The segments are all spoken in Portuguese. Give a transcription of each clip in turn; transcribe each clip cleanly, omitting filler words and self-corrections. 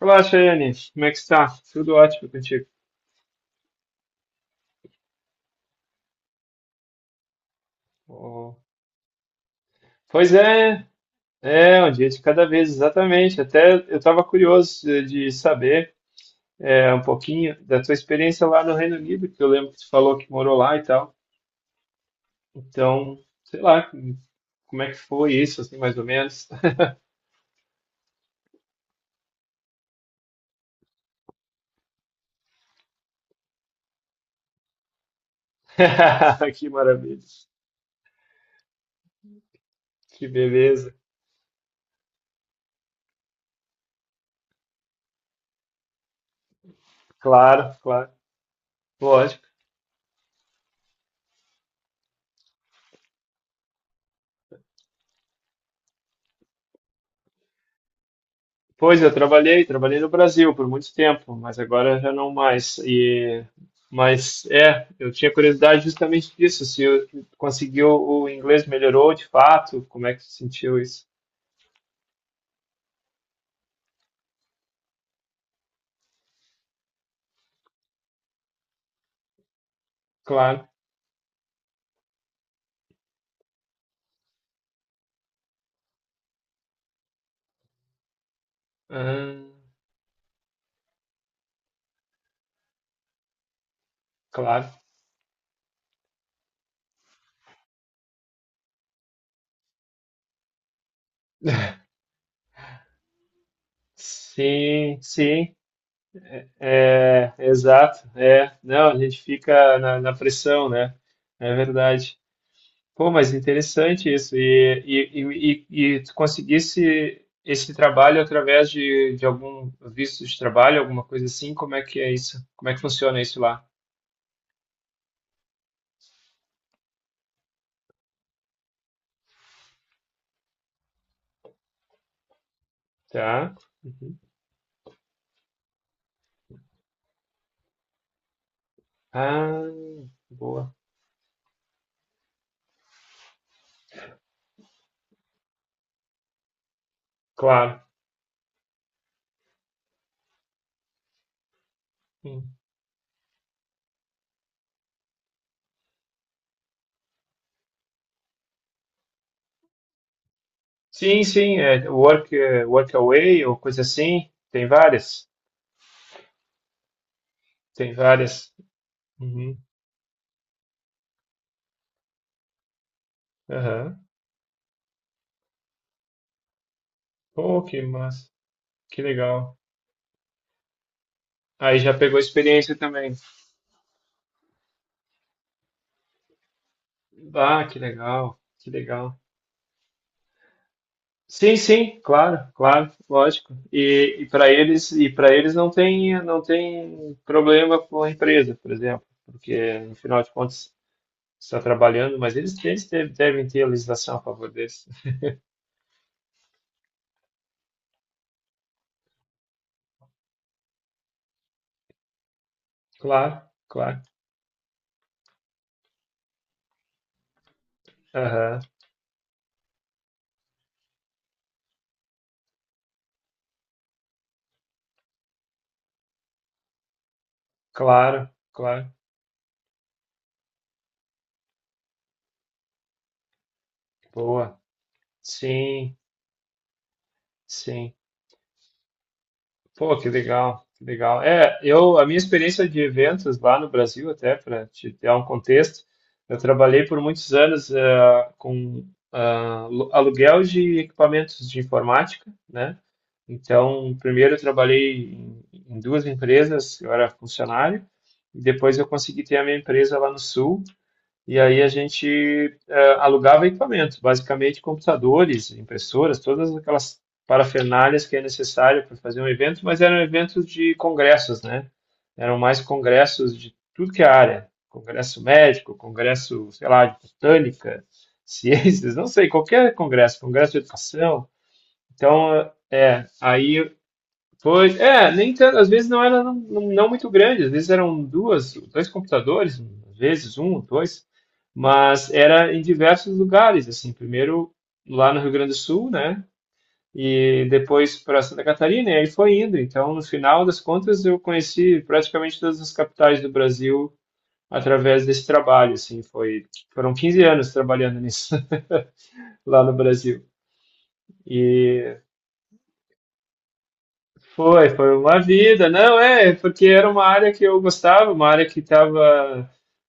Olá, Chayane. Como é que está? Tudo ótimo contigo? Oh. Pois é, é um dia de cada vez, exatamente. Até eu estava curioso de saber um pouquinho da tua experiência lá no Reino Unido, que eu lembro que tu falou que morou lá e tal. Então, sei lá, como é que foi isso, assim, mais ou menos? Que maravilha, que beleza. Claro, claro. Pois eu trabalhei, trabalhei no Brasil por muito tempo, mas agora já não mais. E mas eu tinha curiosidade justamente disso, se eu conseguiu o inglês melhorou de fato, como é que você sentiu isso? Claro. Ah, claro. Sim, sim. É, exato. É, não, a gente fica na pressão, né? É verdade. Pô, mas interessante isso. E tu conseguisse esse trabalho através de algum visto de trabalho, alguma coisa assim? Como é que é isso? Como é que funciona isso lá? Tá. Uhum. Ah, boa. Claro. Hum. Sim, sim. É, work away ou coisa assim. Tem várias. Tem várias. Uhum. Aham. Pô, que massa. Que legal. Aí já pegou experiência também. Ah, que legal. Que legal. Sim, sim, claro, claro, lógico. E para eles não tem, não tem problema com a empresa, por exemplo, porque no final de contas está trabalhando, mas eles deve- devem ter a legislação a favor deles. Claro, claro. Aham, claro, claro. Boa. Sim, sim. Pô, que legal, que legal. É, a minha experiência de eventos lá no Brasil, até para te dar um contexto, eu trabalhei por muitos anos com aluguel de equipamentos de informática, né? Então, primeiro eu trabalhei em duas empresas, eu era funcionário, e depois eu consegui ter a minha empresa lá no Sul, e aí a gente alugava equipamentos, basicamente computadores, impressoras, todas aquelas parafernálias que é necessário para fazer um evento, mas eram eventos de congressos, né? Eram mais congressos de tudo que é área, congresso médico, congresso, sei lá, de botânica, ciências, não sei, qualquer congresso, congresso de educação. Então, aí pois, é, nem tanto, às vezes não era não, não muito grande, às vezes eram duas, dois computadores, às vezes um, dois, mas era em diversos lugares, assim, primeiro lá no Rio Grande do Sul, né, e depois para Santa Catarina, e aí foi indo, então no final das contas eu conheci praticamente todas as capitais do Brasil através desse trabalho, assim, foi, foram 15 anos trabalhando nisso lá no Brasil. E foi uma vida. Não, porque era uma área que eu gostava, uma área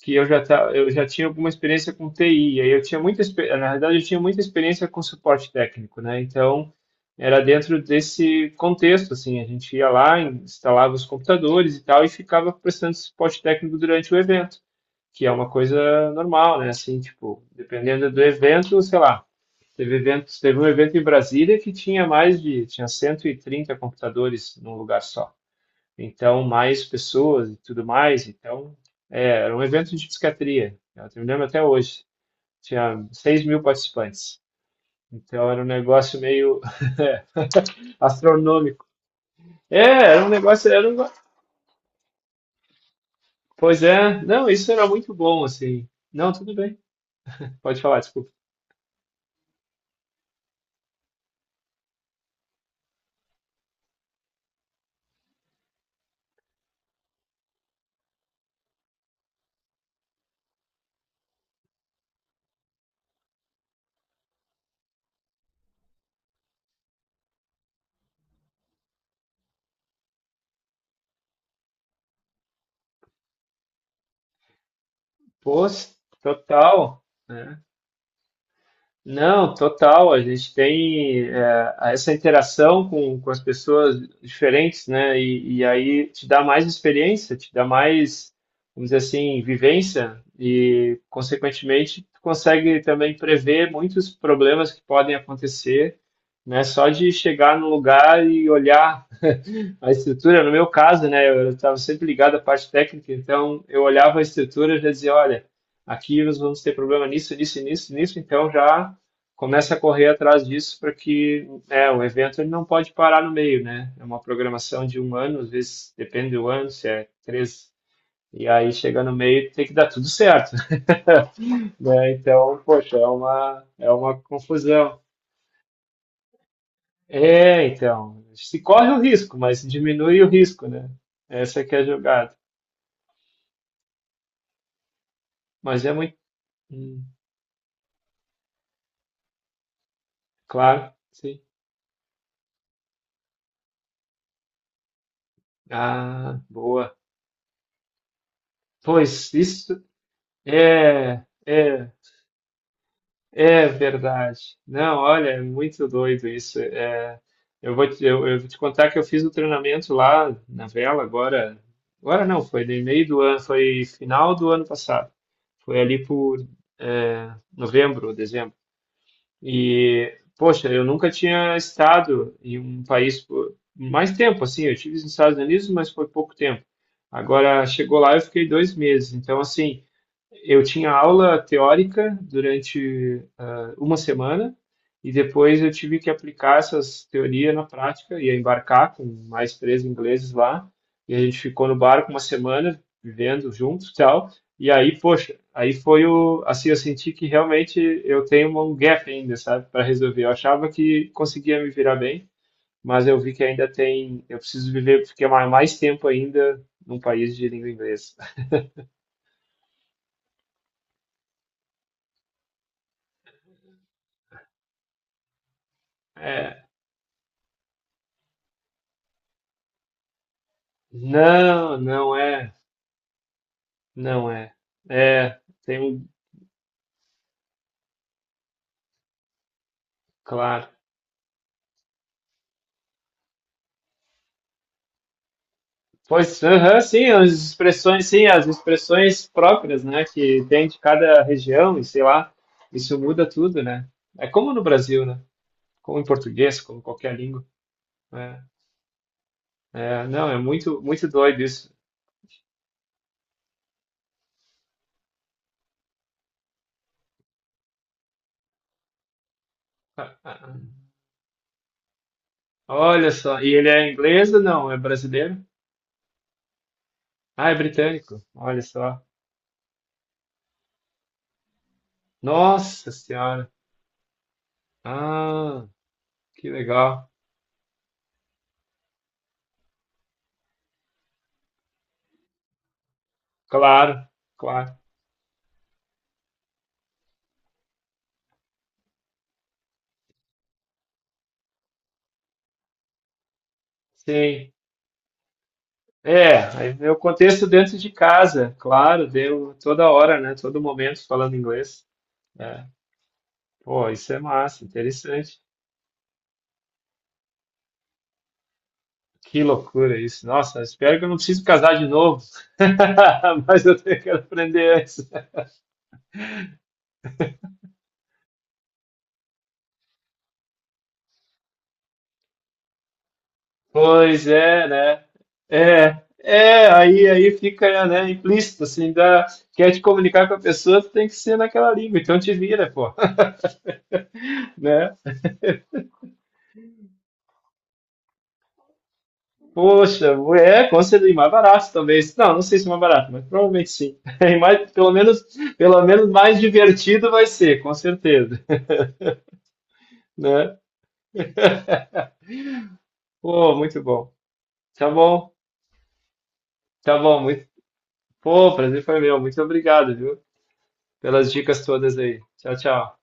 que eu já tava, eu já tinha alguma experiência com TI. Aí eu tinha muita, expe- na verdade, eu tinha muita experiência com suporte técnico, né? Então, era dentro desse contexto, assim, a gente ia lá, instalava os computadores e tal, e ficava prestando suporte técnico durante o evento, que é uma coisa normal, né? Assim, tipo, dependendo do evento, sei lá. Teve evento, teve um evento em Brasília que tinha tinha 130 computadores num lugar só. Então, mais pessoas e tudo mais. Então, era um evento de psiquiatria. Eu me lembro até hoje. Tinha 6 mil participantes. Então, era um negócio meio astronômico. Era um negócio, era um... Pois é, não, isso era muito bom, assim. Não, tudo bem. Pode falar, desculpa. Pois, total. Né? Não, total. A gente tem essa interação com as pessoas diferentes, né? E aí te dá mais experiência, te dá mais, vamos dizer assim, vivência e, consequentemente, tu consegue também prever muitos problemas que podem acontecer, né? Só de chegar no lugar e olhar a estrutura, no meu caso, né, eu estava sempre ligado à parte técnica, então eu olhava a estrutura e já dizia, olha, aqui nós vamos ter problema nisso, nisso, nisso, nisso, então já começa a correr atrás disso para que, né, o evento ele não pode parar no meio, né? É uma programação de um ano, às vezes depende do ano, se é três, e aí chega no meio tem que dar tudo certo, né? Então, poxa, é uma confusão. É, então, se corre o risco, mas diminui o risco, né? Essa que é a jogada. Mas é muito. Hum, claro, sim. Ah, boa. Pois isso é, é, é verdade. Não, olha, é muito doido isso. Eu vou te contar que eu fiz o treinamento lá na vela agora. Agora não, foi no meio do ano, foi final do ano passado. Foi ali por novembro, dezembro. E, poxa, eu nunca tinha estado em um país por mais tempo, assim. Eu estive nos Estados Unidos, mas foi pouco tempo. Agora, chegou lá, eu fiquei 2 meses. Então, assim, eu tinha aula teórica durante uma semana e depois eu tive que aplicar essas teorias na prática, ia embarcar com mais três ingleses lá e a gente ficou no barco uma semana vivendo juntos e tal. E aí, poxa, aí foi o assim eu senti que realmente eu tenho um gap ainda, sabe, para resolver. Eu achava que conseguia me virar bem, mas eu vi que ainda tem, eu preciso viver, ficar mais tempo ainda num país de língua inglesa. É, não, não é. Não é. É, tem um, claro. Pois, aham, sim, as expressões próprias, né, que tem de cada região, e sei lá, isso muda tudo, né? É como no Brasil, né? Como em português, como qualquer língua. Né? É, não, é muito, muito doido isso. Ah, ah, ah. Olha só, e ele é inglês ou não? É brasileiro? Ah, é britânico. Olha só. Nossa Senhora. Ah, que legal. Claro, claro. Sim. É, aí é o contexto dentro de casa, claro, deu toda hora, né? Todo momento falando inglês. É. Pô, isso é massa, interessante. Que loucura isso. Nossa, espero que eu não precise casar de novo. Mas eu tenho que aprender antes. Pois é, né? É, aí fica, né, implícito, assim, dá, quer te comunicar com a pessoa, tu tem que ser naquela língua, então te vira, pô, né? Poxa, com certeza, e mais barato talvez. Não, não sei se é mais barato, mas provavelmente sim. E mais, pelo menos mais divertido vai ser, com certeza, né? Pô, muito bom. Tá bom, tá bom, muito. Pô, o prazer foi meu. Muito obrigado, viu, pelas dicas todas aí. Tchau, tchau.